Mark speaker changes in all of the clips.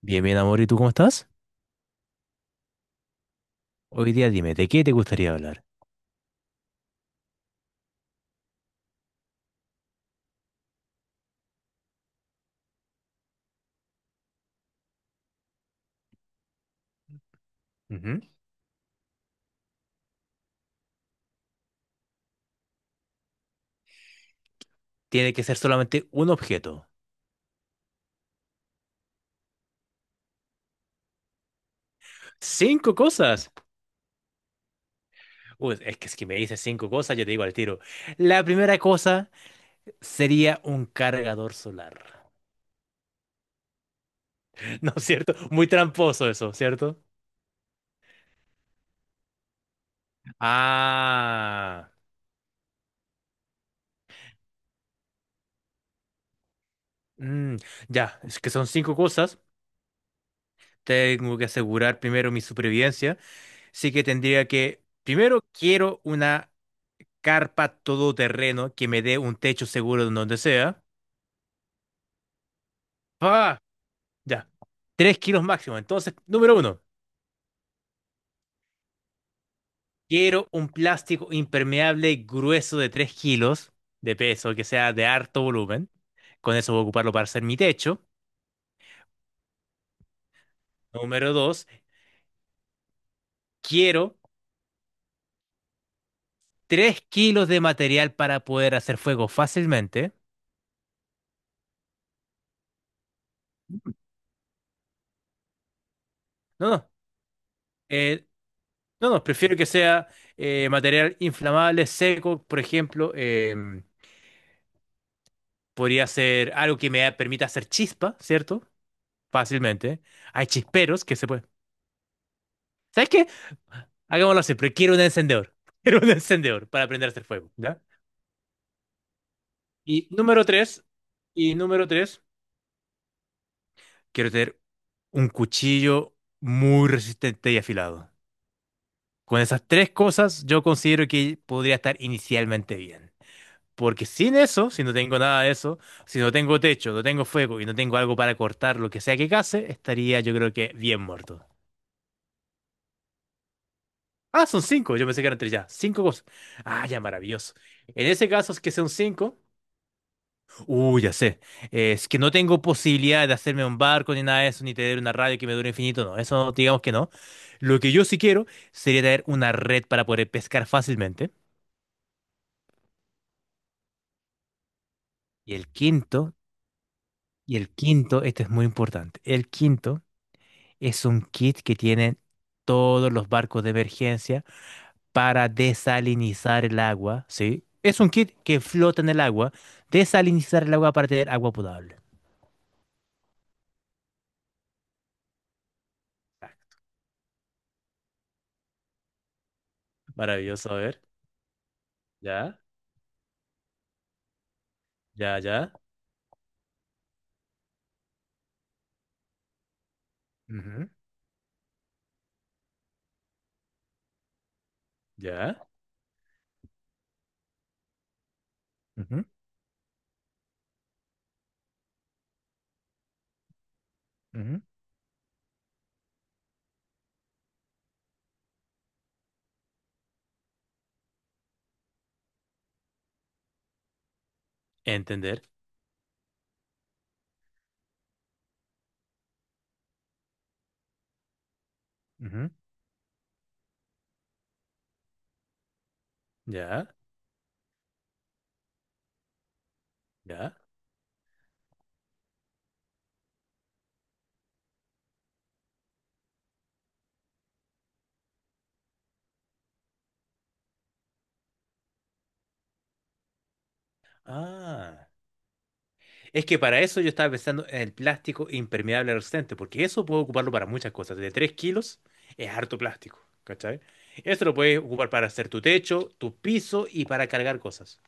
Speaker 1: Bien, bien, amor, ¿y tú cómo estás? Hoy día dime, ¿de qué te gustaría hablar? Ujú. Tiene que ser solamente un objeto. ¡Cinco cosas! Uy, es que si me dices cinco cosas, yo te digo al tiro. La primera cosa sería un cargador solar. ¿No es cierto? Muy tramposo eso, ¿cierto? Ah, mm, ya, es que son cinco cosas. Tengo que asegurar primero mi supervivencia. Así que tendría que, primero quiero una carpa todoterreno que me dé un techo seguro en donde sea. Ah, ya. 3 kilos máximo. Entonces, número uno, quiero un plástico impermeable grueso de 3 kilos de peso, que sea de harto volumen. Con eso voy a ocuparlo para hacer mi techo. Número dos, quiero 3 kilos de material para poder hacer fuego fácilmente. No, no. eh, no, no, prefiero que sea material inflamable, seco, por ejemplo. Podría ser algo que me permita hacer chispa, ¿cierto? Fácilmente. Hay chisperos que se pueden. ¿Sabes qué? Hagámoslo así, pero quiero un encendedor. Quiero un encendedor para aprender a hacer fuego, ¿ya? Y número tres, y número tres, quiero tener un cuchillo muy resistente y afilado. Con esas tres cosas, yo considero que podría estar inicialmente bien. Porque sin eso, si no tengo nada de eso, si no tengo techo, no tengo fuego y no tengo algo para cortar lo que sea que case, estaría yo creo que bien muerto. Ah, son cinco, yo pensé que eran tres ya. Cinco cosas. Ah, ya, maravilloso. En ese caso es que son cinco. Ya sé. Es que no tengo posibilidad de hacerme un barco ni nada de eso, ni tener una radio que me dure infinito, no. Eso digamos que no. Lo que yo sí quiero sería tener una red para poder pescar fácilmente. Y el quinto, y el quinto, este es muy importante. El quinto es un kit que tienen todos los barcos de emergencia para desalinizar el agua, ¿sí? Es un kit que flota en el agua, desalinizar el agua para tener agua potable. Maravilloso, a ver. Ya, ya, ya. Ujú, ya. Ujú, ujú. Entender. Ujú. Ya, ya. Ah. Es que para eso yo estaba pensando en el plástico impermeable resistente, porque eso puedo ocuparlo para muchas cosas. De 3 kilos es harto plástico, ¿cachai? Eso lo puedes ocupar para hacer tu techo, tu piso y para cargar cosas.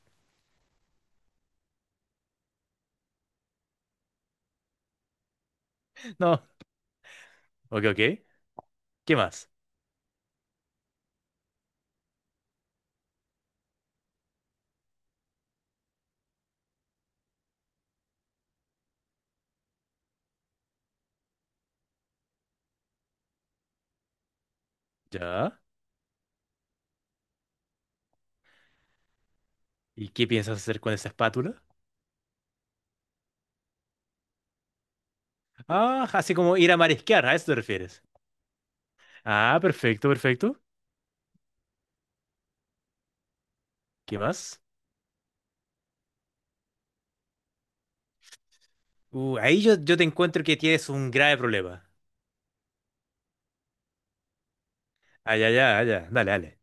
Speaker 1: No. Ok, ok. ¿Qué más? Ya. ¿Y qué piensas hacer con esa espátula? Ah, así como ir a marisquear, ¿a eso te refieres? Ah, perfecto, perfecto. ¿Qué más? Ahí yo te encuentro que tienes un grave problema. Ah, ya, ya, ah, ya. Dale, dale.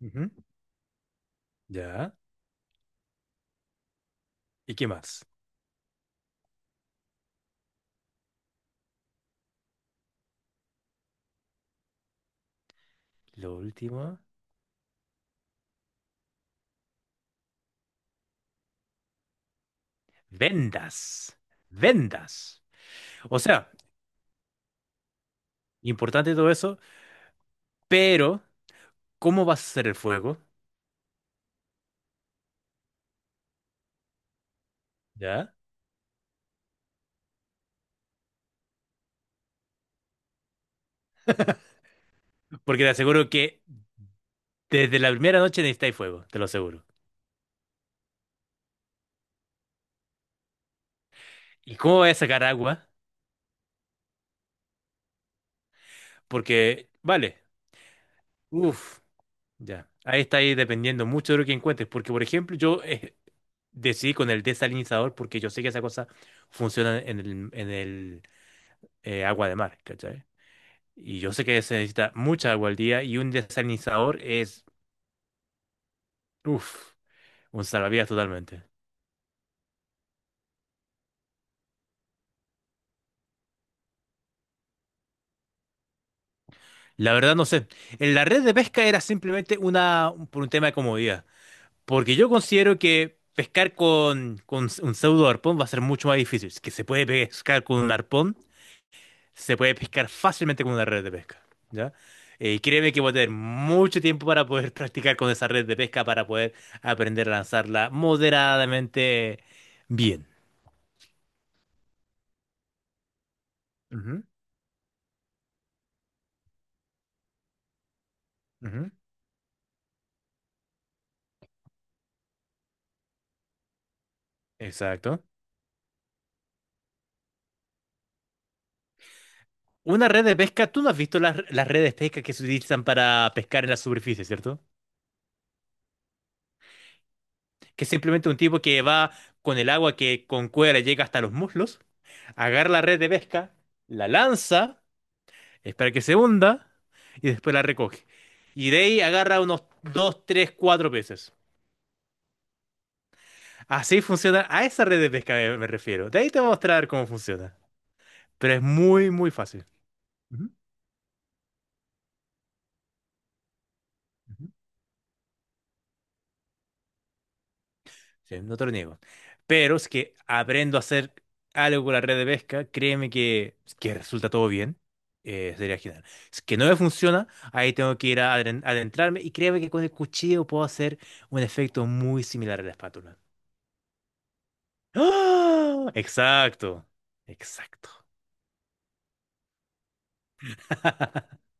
Speaker 1: Ujú. Ya. ¿Y qué más? Lo último. Vendas. Vendas. O sea, importante todo eso, pero ¿cómo vas a hacer el fuego? ¿Ya? Porque te aseguro que desde la primera noche necesitáis fuego, te lo aseguro. ¿Y cómo vas a sacar agua? Porque, vale, uff, ya. Ahí está ahí dependiendo mucho de lo que encuentres. Porque, por ejemplo, yo decidí con el desalinizador porque yo sé que esa cosa funciona en el agua de mar, ¿cachai? Y yo sé que se necesita mucha agua al día y un desalinizador es, uff, un salvavidas totalmente. La verdad no sé. En la red de pesca era simplemente una, por un tema de comodidad. Porque yo considero que pescar con un pseudo arpón va a ser mucho más difícil. Si que se puede pescar con un arpón, se puede pescar fácilmente con una red de pesca. ¿Ya? Y créeme que voy a tener mucho tiempo para poder practicar con esa red de pesca, para poder aprender a lanzarla moderadamente bien. Ujú, ujú. Exacto. Una red de pesca, tú no has visto las redes de pesca que se utilizan para pescar en la superficie, ¿cierto? Que es simplemente un tipo que va con el agua que con cuerda llega hasta los muslos, agarra la red de pesca, la lanza, espera que se hunda y después la recoge. Y de ahí agarra unos dos, tres, cuatro peces. Así funciona, a esa red de pesca me refiero. De ahí te voy a mostrar cómo funciona. Pero es muy, muy fácil. Ujú, ujú. Sí, no te lo niego. Pero es que aprendo a hacer algo con la red de pesca, créeme que resulta todo bien. Sería genial. Es que no me funciona, ahí tengo que ir a adentrarme y créeme que con el cuchillo puedo hacer un efecto muy similar a la espátula. ¡Ah! Exacto, exacto.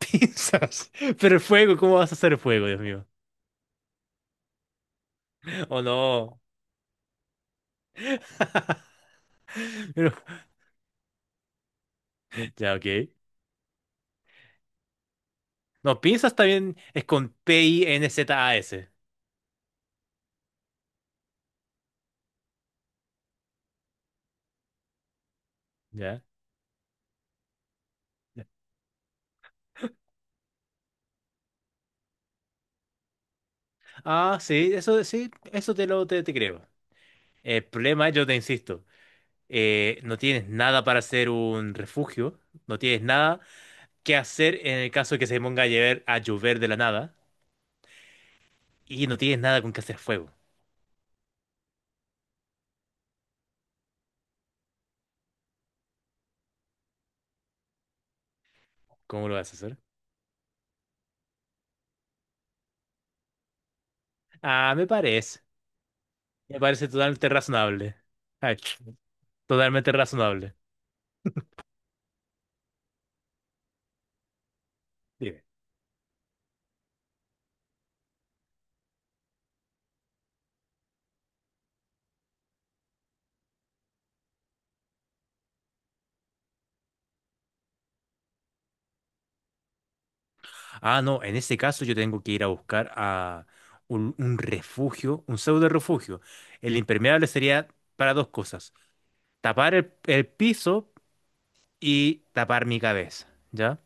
Speaker 1: Pinzas. Pero el fuego, ¿cómo vas a hacer fuego, Dios mío? ¿O no? Pero- ya, ok. No, pinzas también es con P-I-N-Z-A-S. Ya. Ah, sí, eso te lo te creo. El problema, es, yo te insisto, no tienes nada para hacer un refugio, no tienes nada que hacer en el caso de que se ponga a llover de la nada, y no tienes nada con que hacer fuego. ¿Cómo lo vas a hacer? Ah, me parece totalmente razonable. Ay, totalmente razonable. Dime. Ah, no, en este caso yo tengo que ir a buscar a un refugio, un pseudo refugio. El impermeable sería para dos cosas. Tapar el piso y tapar mi cabeza, ¿ya?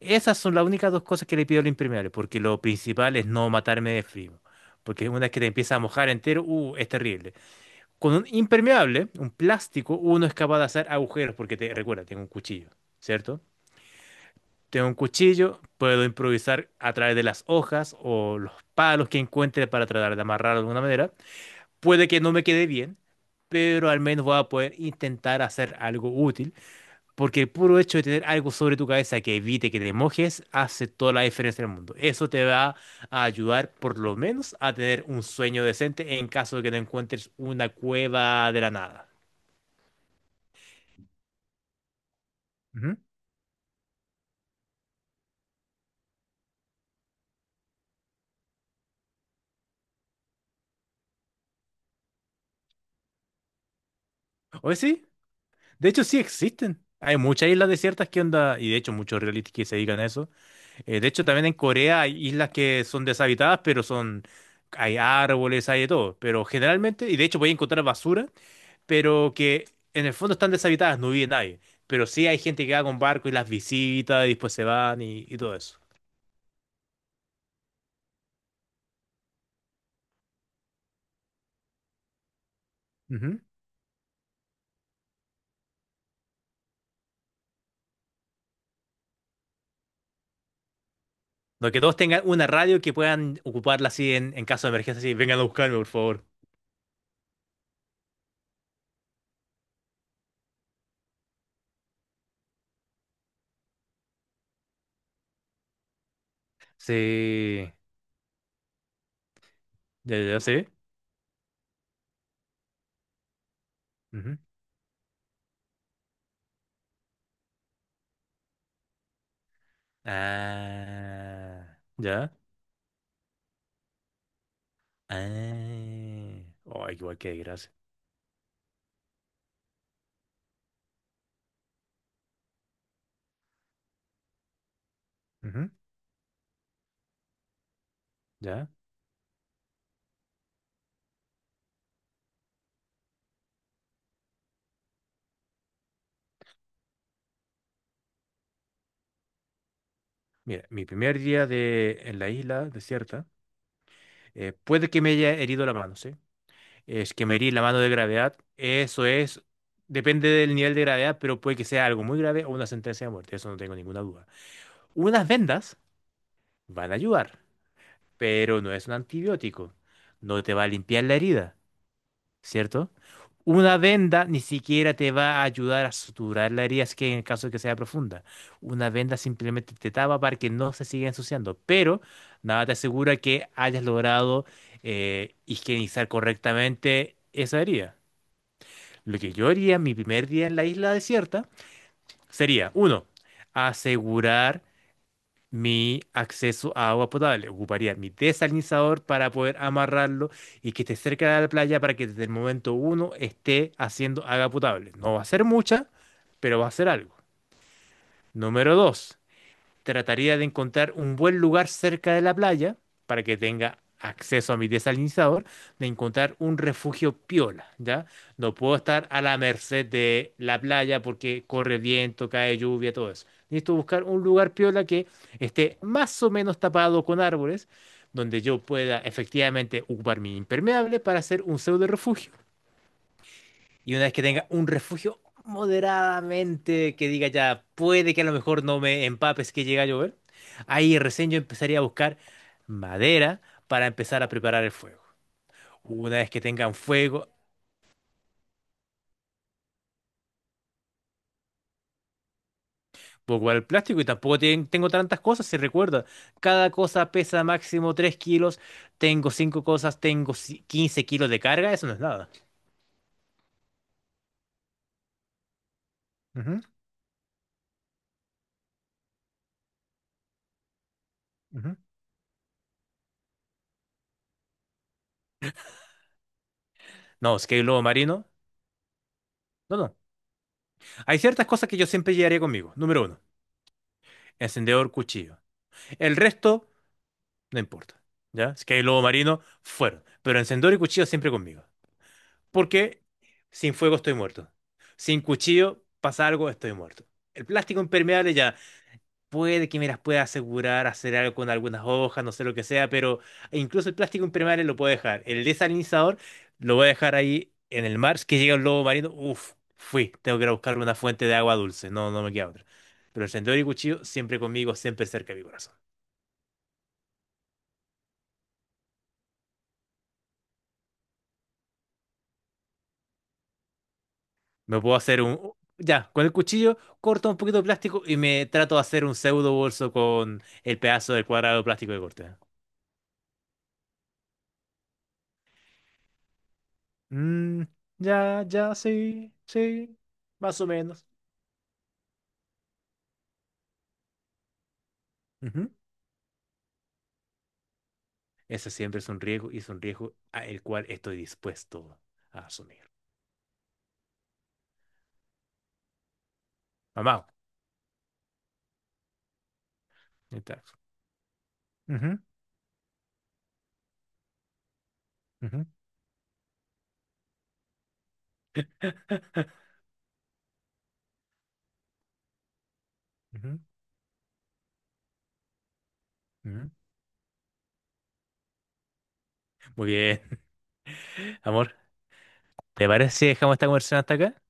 Speaker 1: Esas son las únicas dos cosas que le pido al impermeable, porque lo principal es no matarme de frío, porque una vez que te empieza a mojar entero, es terrible. Con un impermeable, un plástico, uno es capaz de hacer agujeros, porque te, recuerda, tengo un cuchillo, ¿cierto? Tengo un cuchillo, puedo improvisar a través de las hojas o los palos que encuentre para tratar de amarrar de alguna manera. Puede que no me quede bien, pero al menos voy a poder intentar hacer algo útil. Porque el puro hecho de tener algo sobre tu cabeza que evite que te mojes hace toda la diferencia en el mundo. Eso te va a ayudar por lo menos a tener un sueño decente en caso de que no encuentres una cueva de la nada. Ujú. Oye, sí, de hecho sí existen. Hay muchas islas desiertas que onda, y de hecho muchos realistas que se dedican a eso. De hecho, también en Corea hay islas que son deshabitadas, pero son, hay árboles, hay de todo. Pero generalmente, y de hecho voy a encontrar basura, pero que en el fondo están deshabitadas, no vive nadie. Pero sí hay gente que va con barco y las visita y después se van y todo eso. Ujú. No, que todos tengan una radio que puedan ocuparla así en caso de emergencia, así, vengan a buscarme, por favor. Sí, ya, ya, ya, sí. Ujú. Ah, ya. Ah. Oh, igual que gracias. Mira, mi primer día de, en la isla desierta, puede que me haya herido la mano, ¿sí? Es que me herí la mano de gravedad, eso es, depende del nivel de gravedad, pero puede que sea algo muy grave o una sentencia de muerte, eso no tengo ninguna duda. Unas vendas van a ayudar, pero no es un antibiótico, no te va a limpiar la herida. ¿Cierto? Una venda ni siquiera te va a ayudar a suturar la herida, así que en el caso de que sea profunda. Una venda simplemente te tapa para que no se siga ensuciando, pero nada te asegura que hayas logrado higienizar correctamente esa herida. Lo que yo haría mi primer día en la isla desierta sería, uno, asegurar mi acceso a agua potable. Ocuparía mi desalinizador para poder amarrarlo y que esté cerca de la playa para que desde el momento uno esté haciendo agua potable. No va a ser mucha, pero va a ser algo. Número dos. Trataría de encontrar un buen lugar cerca de la playa para que tenga acceso a mi desalinizador, de encontrar un refugio piola, ¿ya? No puedo estar a la merced de la playa porque corre viento, cae lluvia, todo eso. Necesito buscar un lugar piola que esté más o menos tapado con árboles, donde yo pueda efectivamente ocupar mi impermeable para hacer un pseudo refugio y una vez que tenga un refugio moderadamente que diga ya, puede que a lo mejor no me empapes que llega a llover, ahí recién yo empezaría a buscar madera para empezar a preparar el fuego. Una vez que tengan fuego, voy a guardar el plástico y tampoco tengo tantas cosas, se recuerda. Cada cosa pesa máximo 3 kilos, tengo 5 cosas, tengo 15 kilos de carga, eso no es nada. Ujú, ujú. No, si es que hay lobo marino. No, no. Hay ciertas cosas que yo siempre llevaría conmigo. Número uno, encendedor, cuchillo. El resto no importa. ¿Ya? Si que el lobo marino, fueron. Pero encendedor y cuchillo siempre conmigo. Porque sin fuego estoy muerto. Sin cuchillo pasa algo, estoy muerto. El plástico impermeable ya puede que me las pueda asegurar, hacer algo con algunas hojas, no sé lo que sea, pero incluso el plástico impermeable lo puedo dejar. El desalinizador lo voy a dejar ahí en el mar. Si que llega un lobo marino, uff, fui. Tengo que ir a buscar una fuente de agua dulce. No, no me queda otra. Pero encendedor y cuchillo siempre conmigo, siempre cerca de mi corazón. Me puedo hacer un... Ya, con el cuchillo corto un poquito de plástico y me trato de hacer un pseudo bolso con el pedazo del cuadrado de plástico que corté. Mm, ya, ya, sí, sí, más o menos. Ujú. Ese siempre es un riesgo y es un riesgo a el cual estoy dispuesto a asumir. Mamá. Exacto. Ujú, ujú, ujú, ujú. Muy bien. Amor, ¿te parece si dejamos esta conversación hasta acá?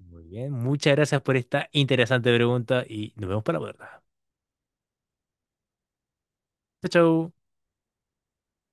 Speaker 1: Muy bien, muchas gracias por esta interesante pregunta y nos vemos para la verdad. Chao, chao.